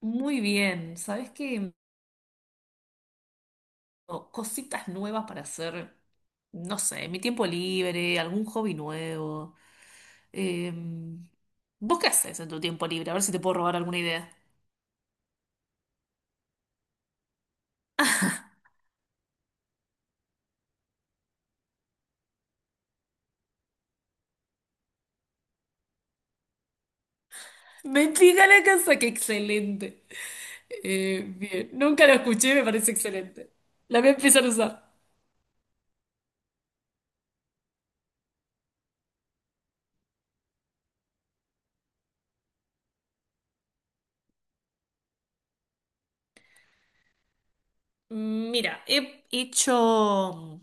Muy bien, ¿sabes qué? O cositas nuevas para hacer, no sé, en mi tiempo libre, algún hobby nuevo. Em, ¿Vos qué haces en tu tiempo libre? A ver si te puedo robar alguna idea. Me pica la casa, qué excelente. Bien, nunca lo escuché, me parece excelente. La voy a empezar a usar. Mira, he hecho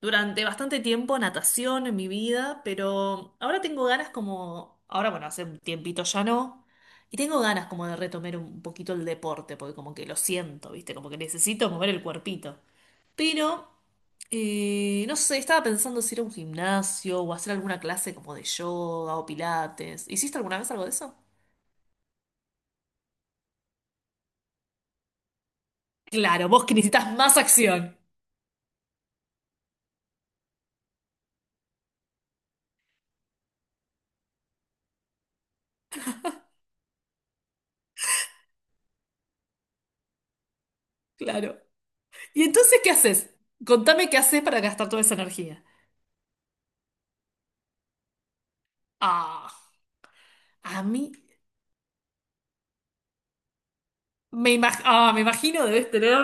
durante bastante tiempo natación en mi vida, pero ahora tengo ganas como, ahora bueno, hace un tiempito ya no, y tengo ganas como de retomar un poquito el deporte, porque como que lo siento, ¿viste? Como que necesito mover el cuerpito. Pero, no sé, estaba pensando si ir a un gimnasio o hacer alguna clase como de yoga o pilates. ¿Hiciste alguna vez algo de eso? Claro, vos que necesitas más acción. Claro. ¿Y entonces qué haces? Contame qué haces para gastar toda esa energía. Ah, a mí ah, me imagino debes tener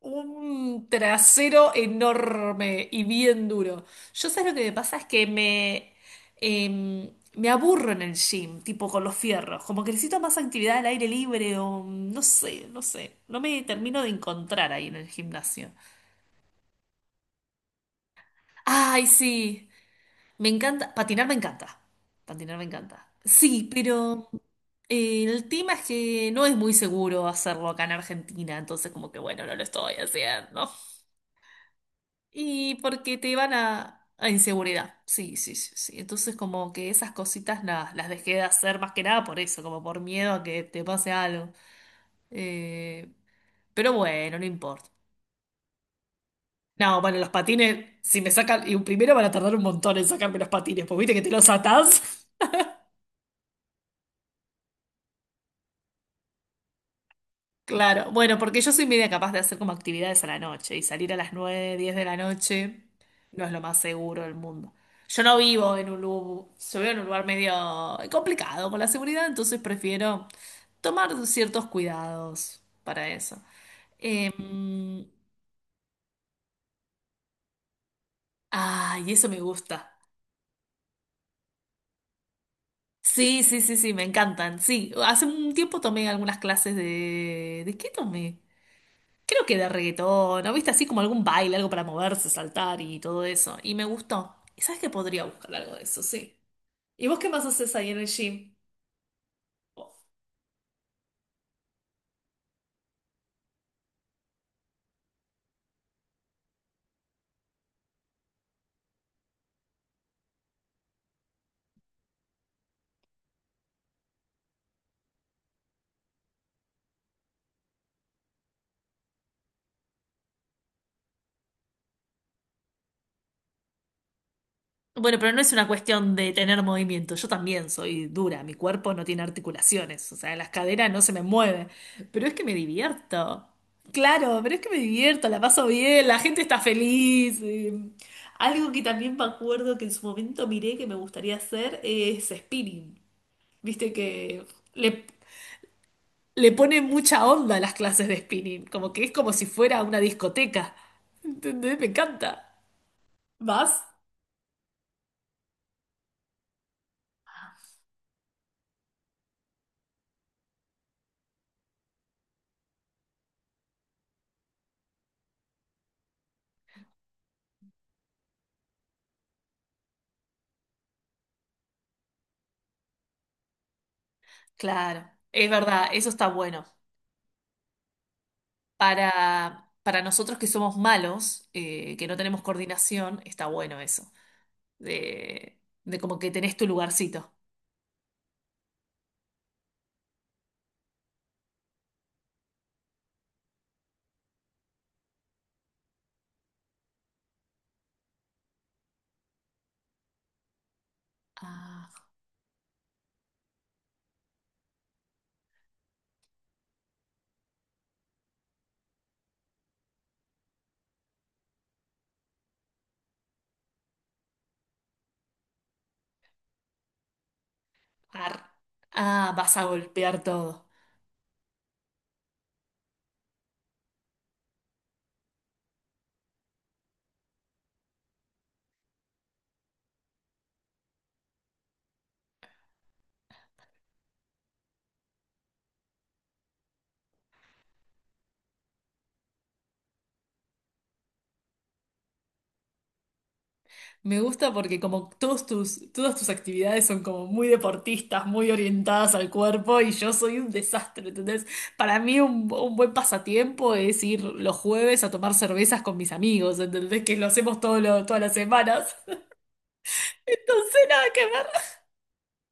un trasero enorme y bien duro. Yo sé lo que me pasa es que me, me aburro en el gym, tipo con los fierros. Como que necesito más actividad al aire libre o no sé. No me termino de encontrar ahí en el gimnasio. Ay, sí. Me encanta, patinar me encanta. Patinar me encanta. Sí, pero el tema es que no es muy seguro hacerlo acá en Argentina, entonces como que bueno, no lo estoy haciendo. Y porque te van a inseguridad. Sí, sí, sí, sí. Entonces como que esas cositas las dejé de hacer más que nada por eso, como por miedo a que te pase algo. Eh, pero bueno, no importa. No, bueno, los patines, si me sacan, y primero van a tardar un montón en sacarme los patines, porque viste que te los atás. Claro, bueno, porque yo soy media capaz de hacer como actividades a la noche y salir a las 9, 10 de la noche no es lo más seguro del mundo. Yo no vivo en un lugar, yo vivo en un lugar medio complicado con la seguridad, entonces prefiero tomar ciertos cuidados para eso. Eh, ah, y eso me gusta. Sí, sí, sí, sí, me encantan. Sí, hace un tiempo tomé algunas clases de... ¿De qué tomé? Creo que de reggaetón, ¿no? ¿Viste? Así como algún baile, algo para moverse, saltar y todo eso. Y me gustó. ¿Y sabes que podría buscar algo de eso? Sí. ¿Y vos qué más haces ahí en el gym? Bueno, pero no es una cuestión de tener movimiento. Yo también soy dura. Mi cuerpo no tiene articulaciones. O sea, las caderas no se me mueven. Pero es que me divierto. Claro, pero es que me divierto, la paso bien, la gente está feliz. Algo que también me acuerdo que en su momento miré que me gustaría hacer es spinning. Viste que le, le pone mucha onda a las clases de spinning, como que es como si fuera una discoteca. ¿Entendés? Me encanta. ¿Vas? Claro, es verdad, eso está bueno. Para nosotros que somos malos, que no tenemos coordinación, está bueno eso. De como que tenés tu lugarcito. Ah, ar- ah, vas a golpear todo. Me gusta porque como todas tus actividades son como muy deportistas, muy orientadas al cuerpo y yo soy un desastre, ¿entendés? Para mí un buen pasatiempo es ir los jueves a tomar cervezas con mis amigos, ¿entendés? Que lo hacemos todas las semanas. Entonces nada que ver.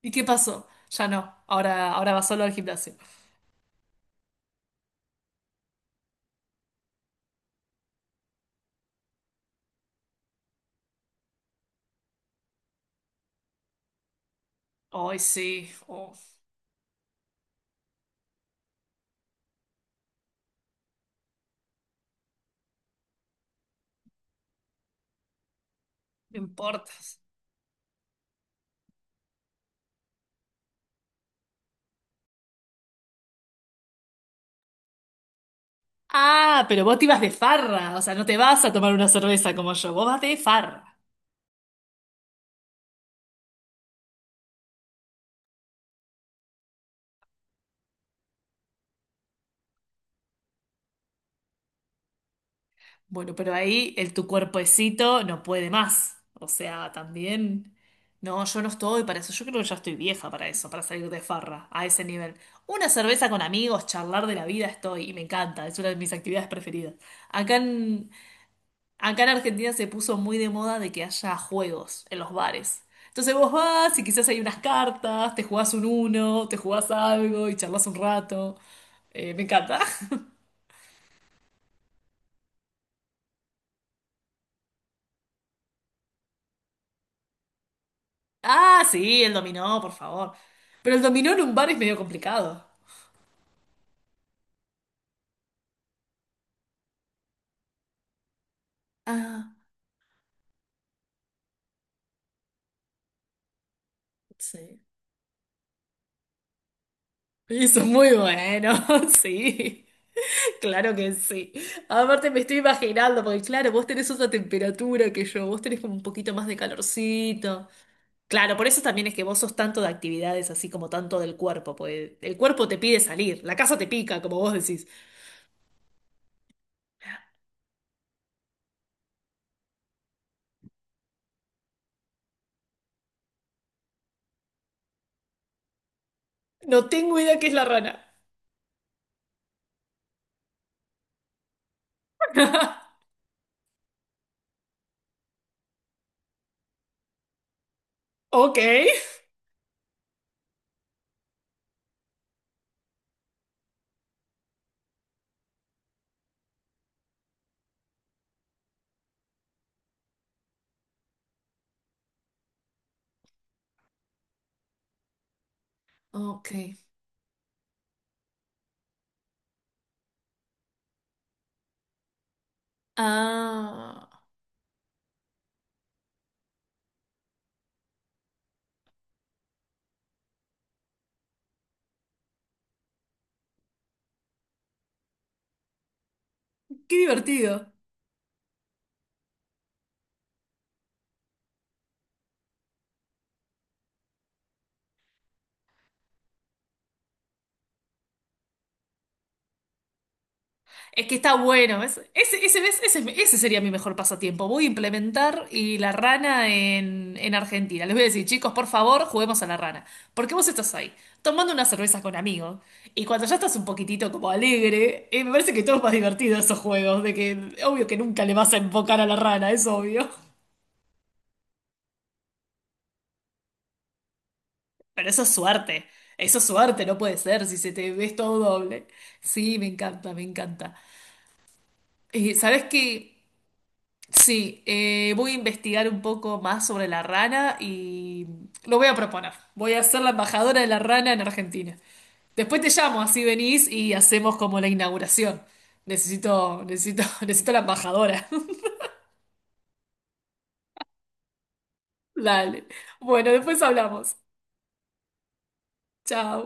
¿Y qué pasó? Ya no, ahora va solo al gimnasio. Ay, sí, oh, no importas. Ah, pero vos te ibas de farra, o sea, no te vas a tomar una cerveza como yo, vos vas de farra. Bueno, pero ahí el tu cuerpecito no puede más. O sea, también. No, yo no estoy para eso. Yo creo que ya estoy vieja para eso, para salir de farra a ese nivel. Una cerveza con amigos, charlar de la vida estoy y me encanta. Es una de mis actividades preferidas. Acá en, acá en Argentina se puso muy de moda de que haya juegos en los bares. Entonces vos vas y quizás hay unas cartas, te jugás un uno, te jugás algo y charlas un rato. Me encanta. Ah, sí, el dominó, por favor. Pero el dominó en un bar es medio complicado. Ah, sí. Eso es muy bueno, sí. Claro que sí. Aparte me estoy imaginando, porque claro, vos tenés otra temperatura que yo, vos tenés como un poquito más de calorcito. Claro, por eso también es que vos sos tanto de actividades así como tanto del cuerpo, pues el cuerpo te pide salir, la casa te pica, como vos decís. No tengo idea qué es la rana. Ok. Ok. Ah, qué divertido. Es que está bueno. Ese sería mi mejor pasatiempo. Voy a implementar y la rana en Argentina. Les voy a decir, chicos, por favor, juguemos a la rana. Porque vos estás ahí, tomando una cerveza con amigos. Y cuando ya estás un poquitito como alegre, me parece que todo es más divertido esos juegos. De que, obvio que nunca le vas a enfocar a la rana, es obvio. Pero eso es suerte. Eso es suerte, no puede ser si se te ves todo doble. Sí, me encanta, me encanta. ¿Sabes qué? Sí, voy a investigar un poco más sobre la rana y lo voy a proponer. Voy a ser la embajadora de la rana en Argentina. Después te llamo, así venís y hacemos como la inauguración. Necesito, necesito, necesito la embajadora. Dale. Bueno, después hablamos. Chao.